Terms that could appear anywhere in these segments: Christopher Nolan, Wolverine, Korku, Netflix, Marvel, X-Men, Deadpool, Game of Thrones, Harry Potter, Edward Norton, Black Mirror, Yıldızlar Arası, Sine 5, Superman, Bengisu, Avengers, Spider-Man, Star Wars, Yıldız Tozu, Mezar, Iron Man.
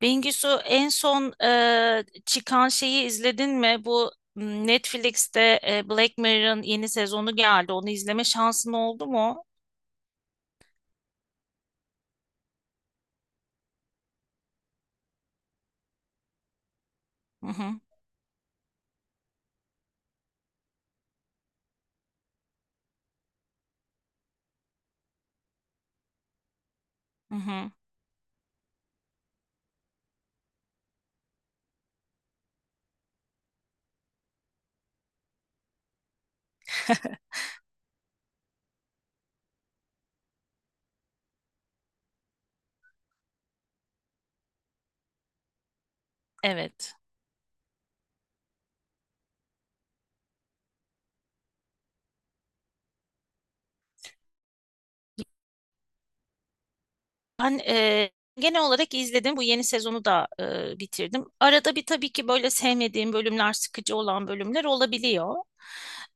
Bengisu en son çıkan şeyi izledin mi? Bu Netflix'te Black Mirror'ın yeni sezonu geldi. Onu izleme şansın oldu mu? Hı hı, hı hı. Evet. Ben genel olarak izledim. Bu yeni sezonu da bitirdim. Arada bir tabii ki böyle sevmediğim bölümler, sıkıcı olan bölümler olabiliyor.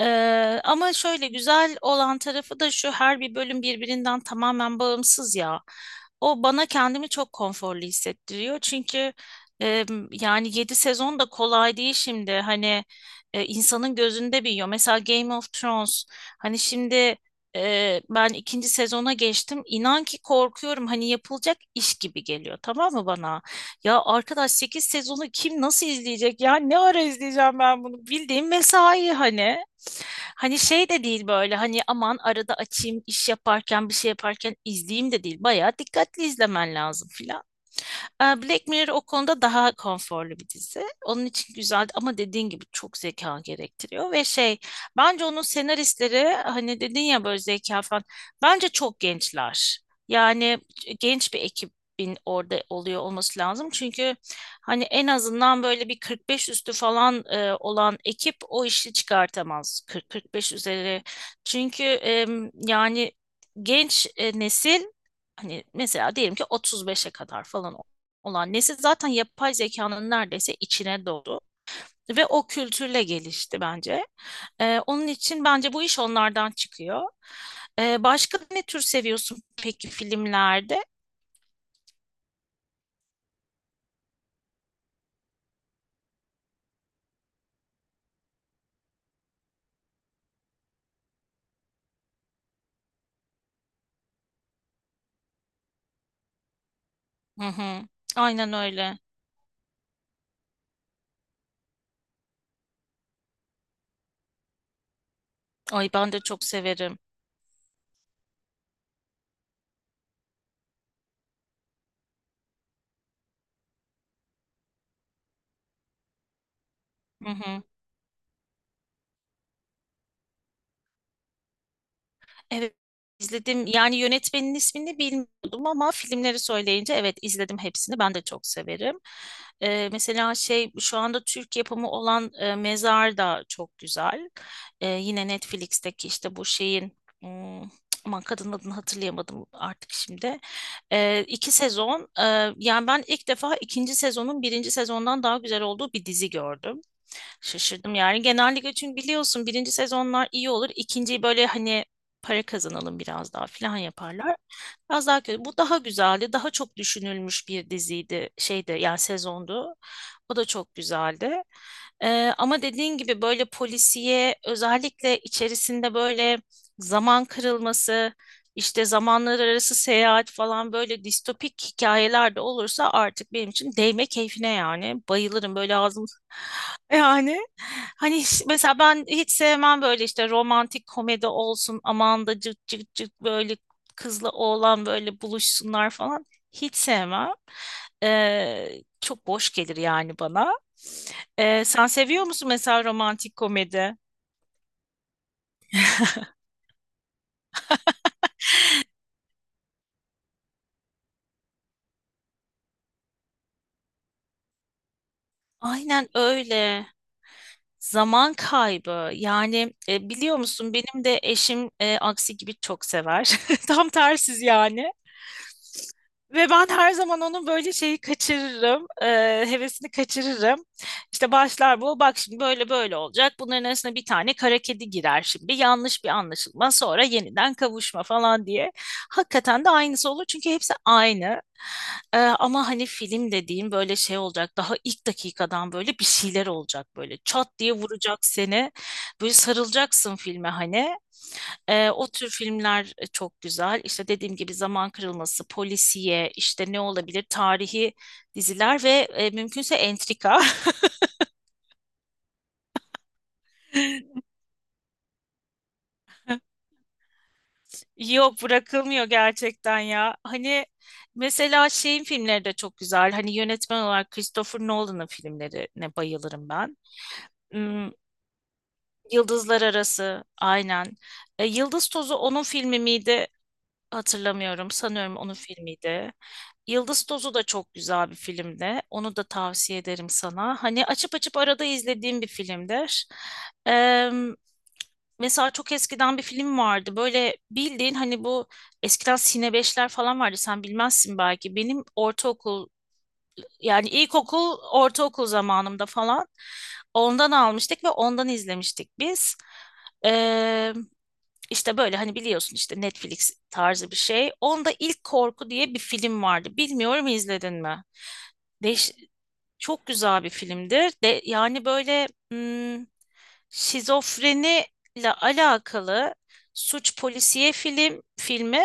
Ama şöyle güzel olan tarafı da şu: her bir bölüm birbirinden tamamen bağımsız ya. O bana kendimi çok konforlu hissettiriyor. Çünkü eee, yani 7 sezon da kolay değil şimdi. Hani insanın gözünde büyüyor. Mesela Game of Thrones. Hani şimdi ben ikinci sezona geçtim. İnan ki korkuyorum. Hani yapılacak iş gibi geliyor. Tamam mı bana? Ya arkadaş, 8 sezonu kim nasıl izleyecek? Ya ne ara izleyeceğim ben bunu? Bildiğim mesai hani. Hani şey de değil, böyle hani aman arada açayım, iş yaparken bir şey yaparken izleyeyim de değil. Bayağı dikkatli izlemen lazım filan. Black Mirror o konuda daha konforlu bir dizi. Onun için güzel, ama dediğin gibi çok zeka gerektiriyor. Ve şey, bence onun senaristleri, hani dedin ya böyle zeka falan, bence çok gençler. Yani genç bir ekibin orada oluyor olması lazım. Çünkü hani en azından böyle bir 45 üstü falan olan ekip o işi çıkartamaz. 40, 45 üzeri. Çünkü yani genç nesil. Hani mesela diyelim ki 35'e kadar falan olan nesil zaten yapay zekanın neredeyse içine doğdu. Ve o kültürle gelişti bence. Onun için bence bu iş onlardan çıkıyor. Başka ne tür seviyorsun peki filmlerde? Hı hı. Aynen öyle. Ay ben de çok severim. Hı hı. Evet, izledim. Yani yönetmenin ismini bilmiyordum, ama filmleri söyleyince evet, izledim hepsini. Ben de çok severim. Mesela şey, şu anda Türk yapımı olan Mezar da çok güzel. Yine Netflix'teki işte bu şeyin aman, kadın adını hatırlayamadım artık şimdi. İki sezon. Yani ben ilk defa ikinci sezonun birinci sezondan daha güzel olduğu bir dizi gördüm. Şaşırdım yani. Genellikle çünkü biliyorsun, birinci sezonlar iyi olur. İkinciyi böyle hani para kazanalım biraz daha falan yaparlar. Biraz daha kötü. Bu daha güzeldi. Daha çok düşünülmüş bir diziydi. Şeydi yani, sezondu. O da çok güzeldi. Ama dediğin gibi böyle polisiye, özellikle içerisinde böyle zaman kırılması, işte zamanlar arası seyahat falan, böyle distopik hikayeler de olursa artık benim için değme keyfine yani. Bayılırım böyle, ağzım yani. Hani mesela ben hiç sevmem böyle işte romantik komedi olsun, aman da cık cık cık böyle kızla oğlan böyle buluşsunlar falan, hiç sevmem. Çok boş gelir yani bana. Sen seviyor musun mesela romantik komedi? Aynen öyle. Zaman kaybı. Yani biliyor musun, benim de eşim aksi gibi çok sever. Tam tersiz yani. Ve ben her zaman onun böyle şeyi kaçırırım, hevesini kaçırırım. İşte başlar bu: bak şimdi böyle böyle olacak, bunların arasına bir tane kara kedi girer şimdi, yanlış bir anlaşılma, sonra yeniden kavuşma falan diye. Hakikaten de aynısı olur, çünkü hepsi aynı. Ama hani film dediğim böyle şey olacak. Daha ilk dakikadan böyle bir şeyler olacak böyle. Çat diye vuracak seni. Böyle sarılacaksın filme hani. O tür filmler çok güzel. İşte dediğim gibi, zaman kırılması, polisiye, işte ne olabilir, tarihi diziler ve mümkünse entrika. Yok, bırakılmıyor gerçekten ya. Hani mesela şeyin filmleri de çok güzel. Hani yönetmen olarak Christopher Nolan'ın filmlerine bayılırım ben. Hmm, Yıldızlar Arası, aynen. Yıldız Tozu onun filmi miydi? Hatırlamıyorum. Sanıyorum onun filmiydi. Yıldız Tozu da çok güzel bir filmdi. Onu da tavsiye ederim sana. Hani açıp açıp arada izlediğim bir filmdir. Eee, Mesela çok eskiden bir film vardı. Böyle bildiğin hani, bu eskiden Sine 5'ler falan vardı. Sen bilmezsin belki. Benim ortaokul, yani ilkokul, ortaokul zamanımda falan, ondan almıştık ve ondan izlemiştik biz. İşte böyle hani biliyorsun, işte Netflix tarzı bir şey. Onda ilk, Korku diye bir film vardı. Bilmiyorum izledin mi? Değiş Çok güzel bir filmdir. Yani böyle şizofreni ile alakalı suç polisiye filmi.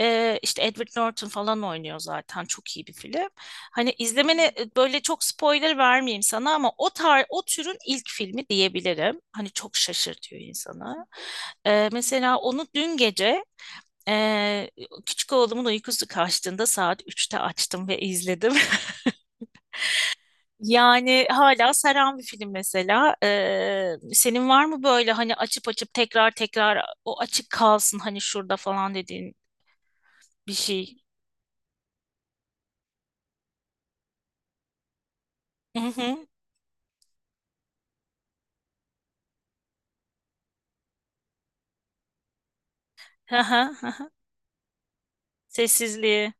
İşte Edward Norton falan oynuyor, zaten çok iyi bir film. Hani izlemeni böyle, çok spoiler vermeyeyim sana, ama o türün ilk filmi diyebilirim. Hani çok şaşırtıyor insanı. Mesela onu dün gece e, küçük oğlumun uykusu kaçtığında saat 3'te açtım ve izledim. Yani hala saran bir film mesela. Senin var mı böyle hani açıp açıp tekrar tekrar o açık kalsın, hani şurada falan dediğin bir şey? Hı hı. Hı hı, hı hı. Sessizliği.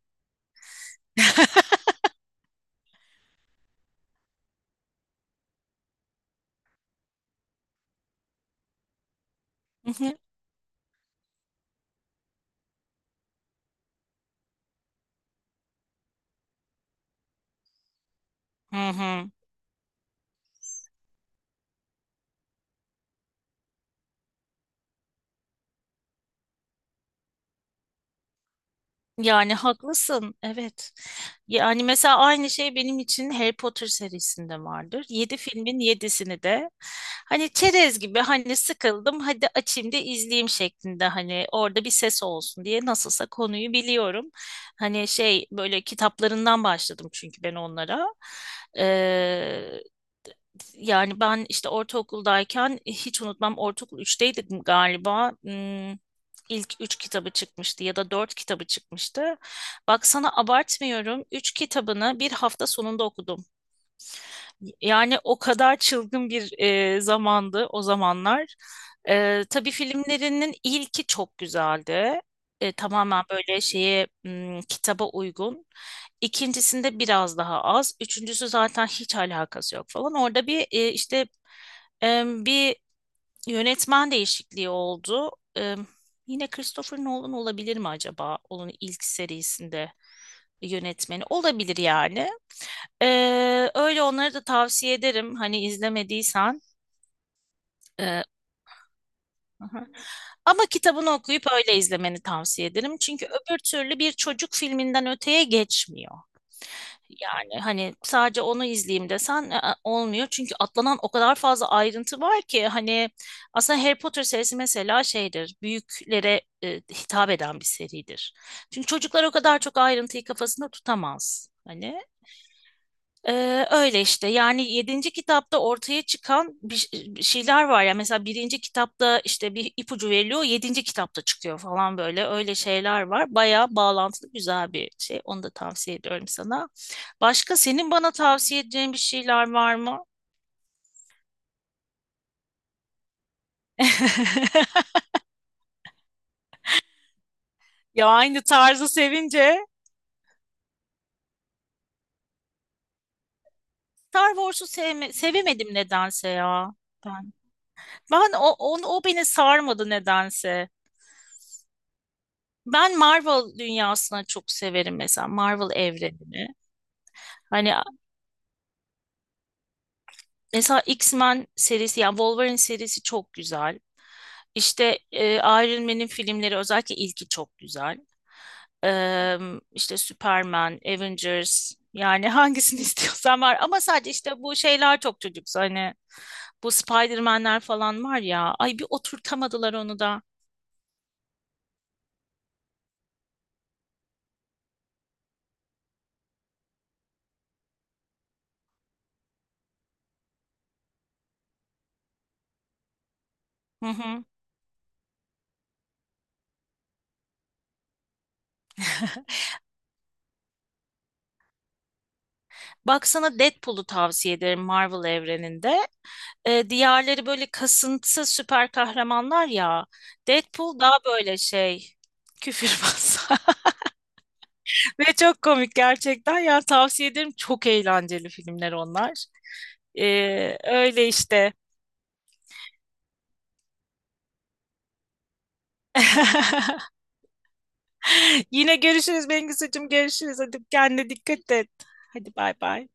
Hı hı. Hı hı. Yani haklısın. Evet. Yani mesela aynı şey benim için Harry Potter serisinde vardır. Yedi filmin yedisini de hani çerez gibi, hani sıkıldım hadi açayım da izleyeyim şeklinde, hani orada bir ses olsun diye, nasılsa konuyu biliyorum. Hani şey, böyle kitaplarından başladım çünkü ben onlara. Yani ben işte ortaokuldayken, hiç unutmam, ortaokul 3'teydik galiba. İlk 3 kitabı çıkmıştı ya da 4 kitabı çıkmıştı. Bak sana abartmıyorum, üç kitabını bir hafta sonunda okudum. Yani o kadar çılgın bir zamandı o zamanlar. Tabii filmlerinin ilki çok güzeldi. Tamamen böyle şeye, kitaba uygun. İkincisinde biraz daha az. Üçüncüsü zaten hiç alakası yok falan. Orada bir işte bir yönetmen değişikliği oldu. E, Yine Christopher Nolan olabilir mi acaba? Onun ilk serisinde yönetmeni olabilir yani. Öyle, onları da tavsiye ederim hani, izlemediysen. Ee, aha. Ama kitabını okuyup öyle izlemeni tavsiye ederim. Çünkü öbür türlü bir çocuk filminden öteye geçmiyor. Yani hani sadece onu izleyeyim desen, olmuyor. Çünkü atlanan o kadar fazla ayrıntı var ki, hani aslında Harry Potter serisi mesela şeydir, büyüklere hitap eden bir seridir. Çünkü çocuklar o kadar çok ayrıntıyı kafasında tutamaz. Hani. Öyle işte, yani yedinci kitapta ortaya çıkan bir şeyler var ya. Mesela birinci kitapta işte bir ipucu veriliyor, yedinci kitapta çıkıyor falan, böyle öyle şeyler var. Bayağı bağlantılı, güzel bir şey. Onu da tavsiye ediyorum sana. Başka senin bana tavsiye edeceğin bir şeyler var mı? Ya, aynı tarzı sevince. Star Wars'u sevemedim nedense ya ben. Ben o beni sarmadı nedense. Ben Marvel dünyasına çok severim, mesela Marvel evrenini. Hani mesela X-Men serisi, yani Wolverine serisi çok güzel. İşte Iron Man'in filmleri, özellikle ilki çok güzel. Eee, işte Superman, Avengers, yani hangisini istiyorsan var. Ama sadece işte bu şeyler çok çocuksu, hani bu Spider-Man'ler falan var ya, ay bir oturtamadılar onu da. Hı hı. Baksana, Deadpool'u tavsiye ederim Marvel evreninde. Diğerleri böyle kasıntı süper kahramanlar ya. Deadpool daha böyle şey, küfürbaz. Ve çok komik gerçekten. Ya tavsiye ederim, çok eğlenceli filmler onlar. Öyle işte. Yine görüşürüz Bengisu'cum. Görüşürüz. Hadi kendine dikkat et. Hadi bay bay.